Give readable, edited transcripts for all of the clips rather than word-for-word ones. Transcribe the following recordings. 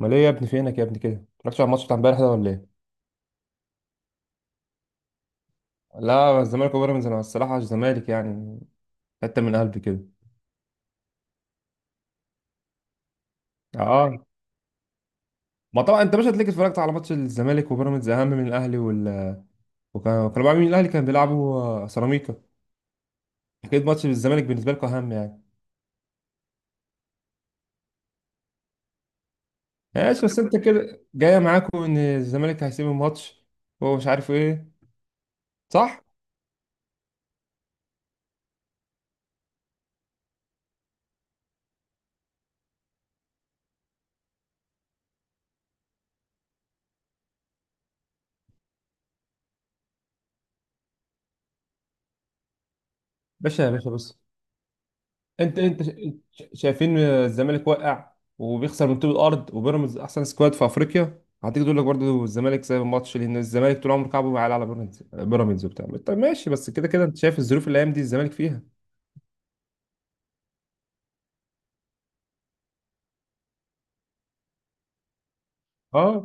امال ايه يا ابني؟ فينك يا ابني كده؟ مالكش على الماتش بتاع امبارح ده ولا ايه؟ لا الزمالك وبيراميدز، انا الصراحه الزمالك يعني حته من قلبي كده. اه ما طبعا انت مش هتلاقيك اتفرجت على ماتش الزمالك وبيراميدز اهم من الاهلي وكانوا بيلعبوا مين؟ الاهلي كان بيلعبوا سيراميكا. اكيد ماتش الزمالك بالنسبه لكم اهم يعني. ماشي، بس انت كده جايه معاكم ان الزمالك هيسيب الماتش ومش عارف ايه. صح. باشا، يا باشا بص، انت شايفين الزمالك واقع وبيخسر من طوب الارض، وبيراميدز احسن سكواد في افريقيا، هتيجي تقول لك برضه الزمالك سايب الماتش؟ لان الزمالك طول عمره كعبه بيعلى على بيراميدز. بيراميدز وبتاع، طب ماشي، بس كده كده انت شايف الظروف اللي الايام دي الزمالك فيها. اه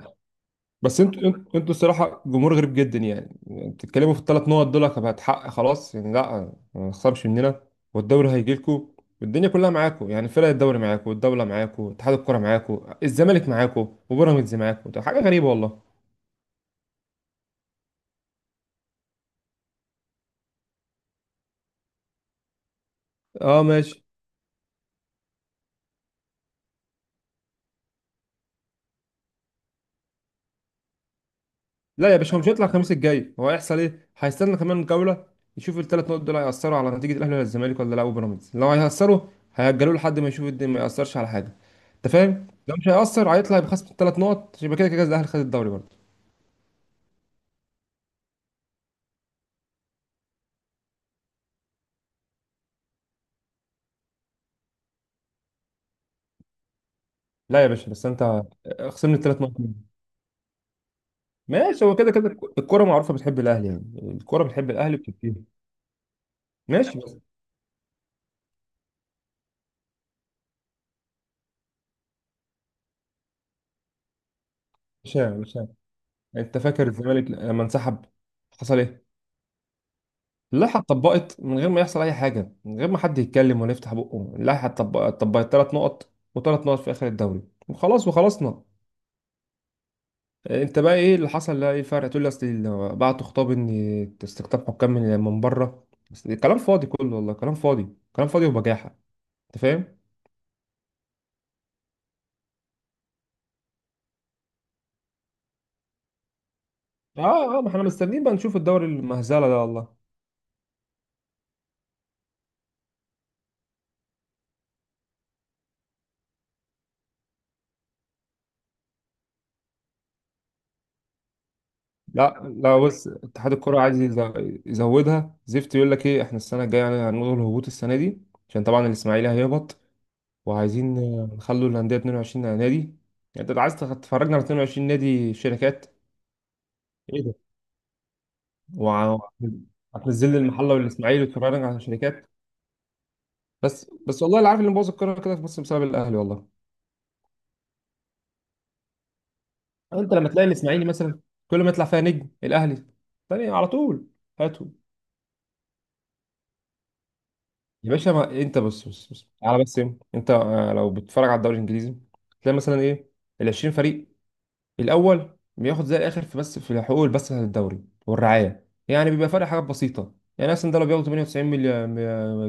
بس انتوا الصراحه جمهور غريب جدا يعني. بتتكلموا في الثلاث نقط دول هتحقق خلاص يعني، لا ما تخسرش مننا والدوري هيجي لكم والدنيا كلها معاكم يعني، فرق الدوري معاكم والدوله معاكم اتحاد الكره معاكم الزمالك معاكم وبيراميدز معاكم، ده حاجه غريبه والله. اه ماشي. لا يا باشا، هو مش هيطلع الخميس الجاي. هو هيحصل ايه؟ هيستنى كمان جوله، يشوف الثلاث نقط دول هيأثروا على نتيجه الاهلي ولا الزمالك ولا لا وبيراميدز، لو هيأثروا هيأجلوه لحد ما يشوف الدنيا ما يأثرش على حاجه. انت فاهم؟ لو مش هيأثر هيطلع بخصم الثلاث نقط، يبقى كده كده الاهلي خد الدوري برضه. لا يا باشا بس انت، خصمني الثلاث نقط مني، ماشي، هو كده كده الكوره معروفه بتحب الاهلي يعني. الكوره بتحب الاهلي بتكتير. ماشي بس، مش عارف. انت فاكر الزمالك لما انسحب حصل ايه؟ اللائحة اتطبقت من غير ما يحصل أي حاجة، من غير ما حد يتكلم ولا يفتح بقه. اتطبقت تلات نقط، وتلات نقط في آخر الدوري، وخلاص وخلصنا. أنت بقى إيه اللي حصل؟ لا إيه الفرق؟ تقول لي أصل بعتوا خطاب إن استقطاب حكام من بره، بس كلام فاضي كله والله، كلام فاضي كلام فاضي وبجاحة. أنت فاهم؟ آه آه، ما إحنا مستنيين بقى نشوف الدوري المهزلة ده والله. لا لا، بص، اتحاد الكرة عايز يزودها زفت. يقول لك إيه، إحنا السنة الجاية يعني هنلغي الهبوط السنة دي عشان طبعا الإسماعيلي هيهبط، وعايزين نخلوا الأندية 22 نادي. يعني أنت عايز تفرجنا على 22 نادي شركات؟ إيه ده؟ وع- وهتنزل لي المحلة والإسماعيلي وتفرجنا على شركات؟ بس والله اللي عارف اللي مبوظ الكورة كده في مصر بسبب الأهلي والله. أنت لما تلاقي الإسماعيلي مثلا كل ما يطلع فيها نجم الأهلي تاني على طول هاته. يا باشا ما أنت بص بص على بس إيه؟ أنت لو بتتفرج على الدوري الإنجليزي تلاقي مثلا إيه، ال 20 فريق الأول بياخد زي الآخر في، بس في حقوق البث بتاعت الدوري والرعاية يعني بيبقى فرق حاجات بسيطة. يعني مثلا ده لو بياخد 98 مليون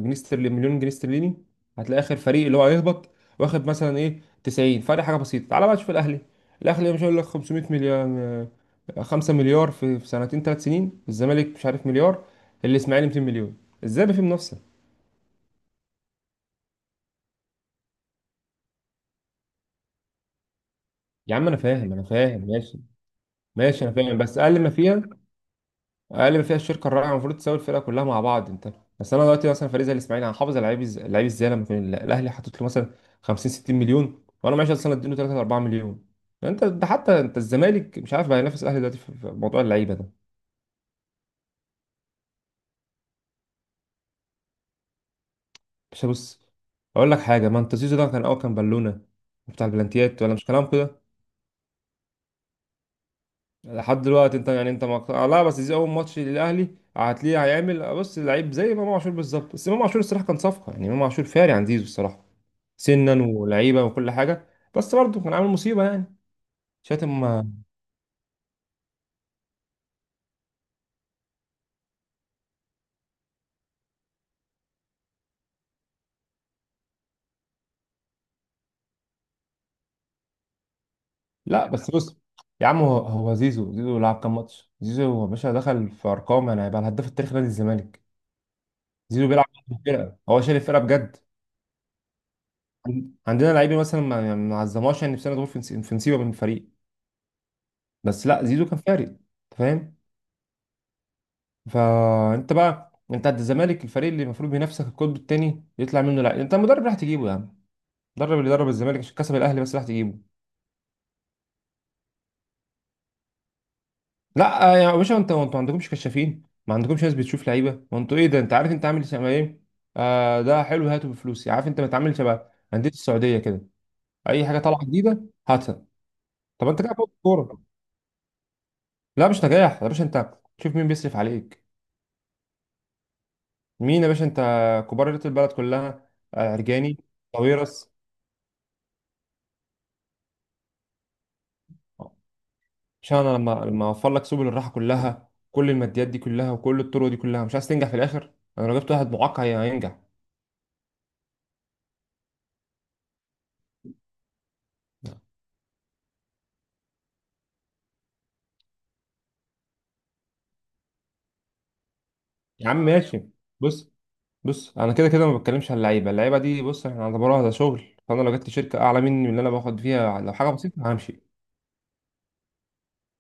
جنيه استرليني مليون جنيه استرليني، هتلاقي آخر فريق اللي هو هيهبط واخد مثلا إيه 90، فرق حاجة بسيطة. تعالى بقى تشوف الأهلي. الأهلي مش هيقول لك 500 مليون، 5 مليار في سنتين ثلاث سنين، الزمالك مش عارف مليار، الإسماعيلي 200 مليون، إزاي بقى في منافسة؟ يا عم أنا فاهم أنا فاهم ماشي. ماشي أنا فاهم، بس أقل ما فيها، اقل ما فيها الشركه الرائعه المفروض تساوي الفرقه كلها مع بعض، انت بس انا دلوقتي مثلا فريق زي الاسماعيلي هحافظ على لعيب لعيب ازاي لما يكون الاهلي حاطط له مثلا 50 60 مليون وانا معيش اصلا اديله 3 4 مليون؟ انت ده، حتى انت الزمالك مش عارف بقى ينافس الاهلي دلوقتي في موضوع اللعيبه ده. مش بص، اقول لك حاجه، ما انت زيزو ده كان اول كان بالونه بتاع البلانتيات ولا مش كلام كده. لحد دلوقتي انت يعني انت لا بس زيزو اول ماتش للاهلي هتلاقيه هيعمل بص اللعيب زي امام عاشور بالظبط، بس امام عاشور الصراحه كان صفقه يعني، امام عاشور فاري عن زيزو الصراحه سنا ولعيبه وكل حاجه، بس برضه كان عامل مصيبه يعني شاتم. لا بس بص يا عم، هو زيزو، زيزو لعب كام ماتش؟ زيزو يا باشا دخل في ارقام يعني هيبقى الهداف التاريخي نادي الزمالك. زيزو بيلعب في الفرقه هو شايل الفرقه بجد. عندنا لعيبه مثلا ما عظمهاش يعني، في سنه دول في في نصيبه من الفريق، بس لا زيزو كان فارق. انت فاهم؟ فانت بقى انت عند الزمالك الفريق اللي المفروض بينافسك القطب الثاني يطلع منه، لا انت المدرب راح تجيبه يا عم، المدرب اللي درب الزمالك عشان كسب الاهلي بس راح تجيبه. لا يا باشا انت، انتوا ما عندكمش كشافين، ما عندكمش ناس بتشوف لعيبه، وانتوا ايه ده، انت عارف انت عامل شبه ايه؟ آه، ده حلو هاته بفلوسي، عارف انت بتعامل شبه انديه السعوديه كده، اي حاجه طالعه جديده هاتها. طب انت كده فوت الكوره. لا مش نجاح يا باشا، انت شوف مين بيصرف عليك. مين يا باشا؟ انت كبار رياضه البلد كلها. عرجاني طويرس عشان انا، لما اوفر لك سبل الراحه كلها، كل الماديات دي كلها وكل الطرق دي كلها، مش عايز تنجح في الاخر؟ انا لو جبت واحد معاق هينجح. يا عم ماشي، بص، بص انا كده كده ما بتكلمش على اللعيبه، اللعيبه دي بص احنا هنعتبرها ده شغل، فانا لو جبت شركه اعلى مني من اللي انا باخد فيها لو حاجه بسيطه همشي.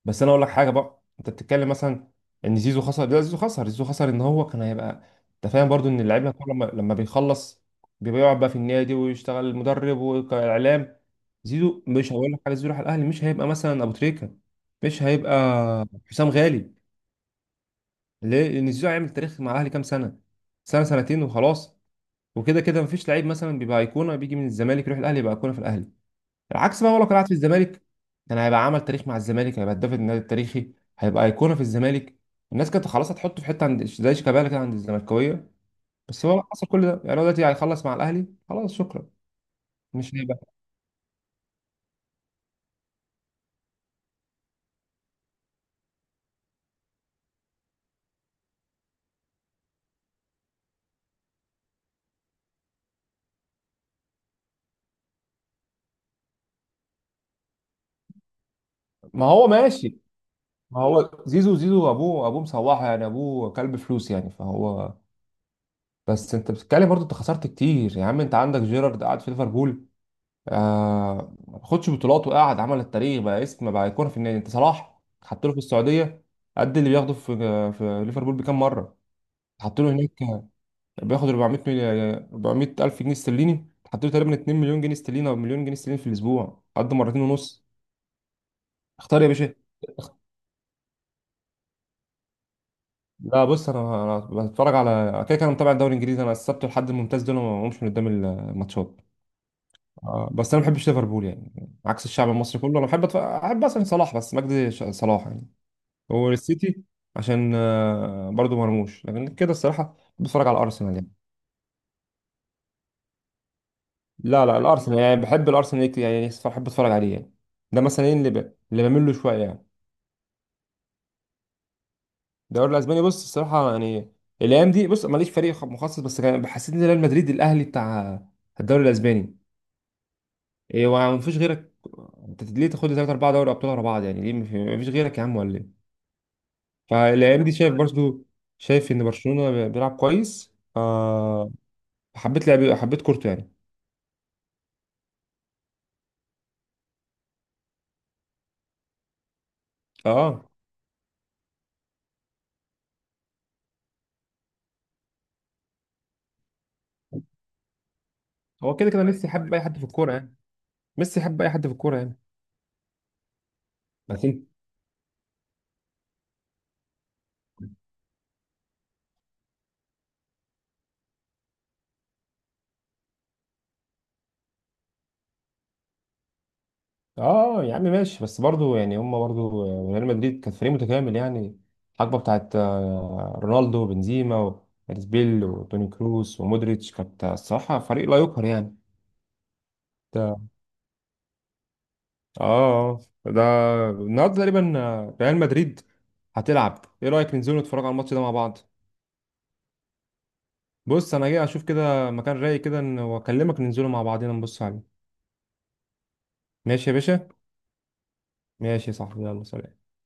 بس انا اقول لك حاجه بقى، انت بتتكلم مثلا ان زيزو خسر، لا زيزو خسر، زيزو خسر ان هو كان هيبقى، انت فاهم برضو، ان اللعيب كله لما بيخلص بيبقى يقعد بقى في النادي ويشتغل المدرب والاعلام. زيزو مش هقول لك حاجه، زيزو راح الاهلي مش هيبقى مثلا ابو تريكه، مش هيبقى حسام غالي. ليه؟ لان زيزو هيعمل تاريخ مع الاهلي كام سنه؟ سنه سنتين وخلاص، وكده كده مفيش لعيب مثلا بيبقى ايقونه بيجي من الزمالك يروح الاهلي يبقى ايقونه في الاهلي. العكس بقى، هو لو كان قاعد في الزمالك كان هيبقى عمل تاريخ مع الزمالك، هيبقى هداف النادي التاريخي، هيبقى ايقونه في الزمالك، الناس كانت خلاص هتحطه في حته عند زي شيكابالا كده عند الزملكاويه، بس هو حصل كل ده يعني، هو دلوقتي هيخلص مع الاهلي خلاص شكرا، مش هيبقى. ما هو ماشي، ما هو زيزو، ابوه، مصوحه يعني، ابوه كلب فلوس يعني فهو، بس انت بتتكلم برضه، انت خسرت كتير يا عم، انت عندك جيرارد قاعد في ليفربول آه ما خدش بطولات وقعد عمل التاريخ بقى اسم بقى ايقونه في النادي. انت صلاح حط له في السعوديه قد اللي بياخده في ليفربول بكام مره، حط له هناك بياخد 400 مليون، 400 الف جنيه استرليني، حط له تقريبا 2 مليون جنيه استرليني او مليون جنيه استرليني في الاسبوع قد مرتين ونص. اختار يا باشا. لا بص انا، بتفرج على كده كده، انا متابع الدوري الانجليزي، انا السبت والحد الممتاز دول ما بقومش من قدام الماتشات. آه بس انا ما بحبش ليفربول يعني، عكس الشعب المصري كله، انا بحب احب مثلا صلاح، بس مجدي صلاح يعني، والسيتي عشان برضو مرموش. لكن كده الصراحه بتفرج على الارسنال يعني. لا لا، الارسنال يعني بحب الارسنال كتير، يعني بحب اتفرج عليه يعني، ده مثلا ايه اللي اللي بميل له شويه يعني. الدوري الاسباني بص الصراحه يعني، الايام دي بص ماليش فريق مخصص، بس كان حسيت ان ريال مدريد الاهلي بتاع الدوري الاسباني، ايه ومفيش غيرك؟ انت ليه تاخد لي 3 4 دوري ابطال ورا بعض يعني؟ ليه مفيش غيرك يا عم ولا ايه؟ فالايام دي شايف برضو، شايف ان برشلونه بيلعب كويس حبيت لعب، حبيت كورته يعني. اه، هو كده كده ميسي حب اي حد في الكوره يعني. ميسي حب اي حد في الكوره يعني، لكن، اه يا عم ماشي، بس برضو يعني هم برضو ريال مدريد كان فريق متكامل يعني، الحقبه بتاعت رونالدو وبنزيما وارزبيل وتوني كروس ومودريتش كانت الصراحه فريق لا يقهر يعني. ده- اه. آه. ده النهارده تقريبا ريال مدريد هتلعب، ايه رايك ننزلوا نتفرج على الماتش ده مع بعض؟ بص انا جاي اشوف كده مكان رايق كده واكلمك ننزلوا مع بعضنا نبص عليه. ماشي يا باشا. ماشي يا صاحبي، يلا سلام.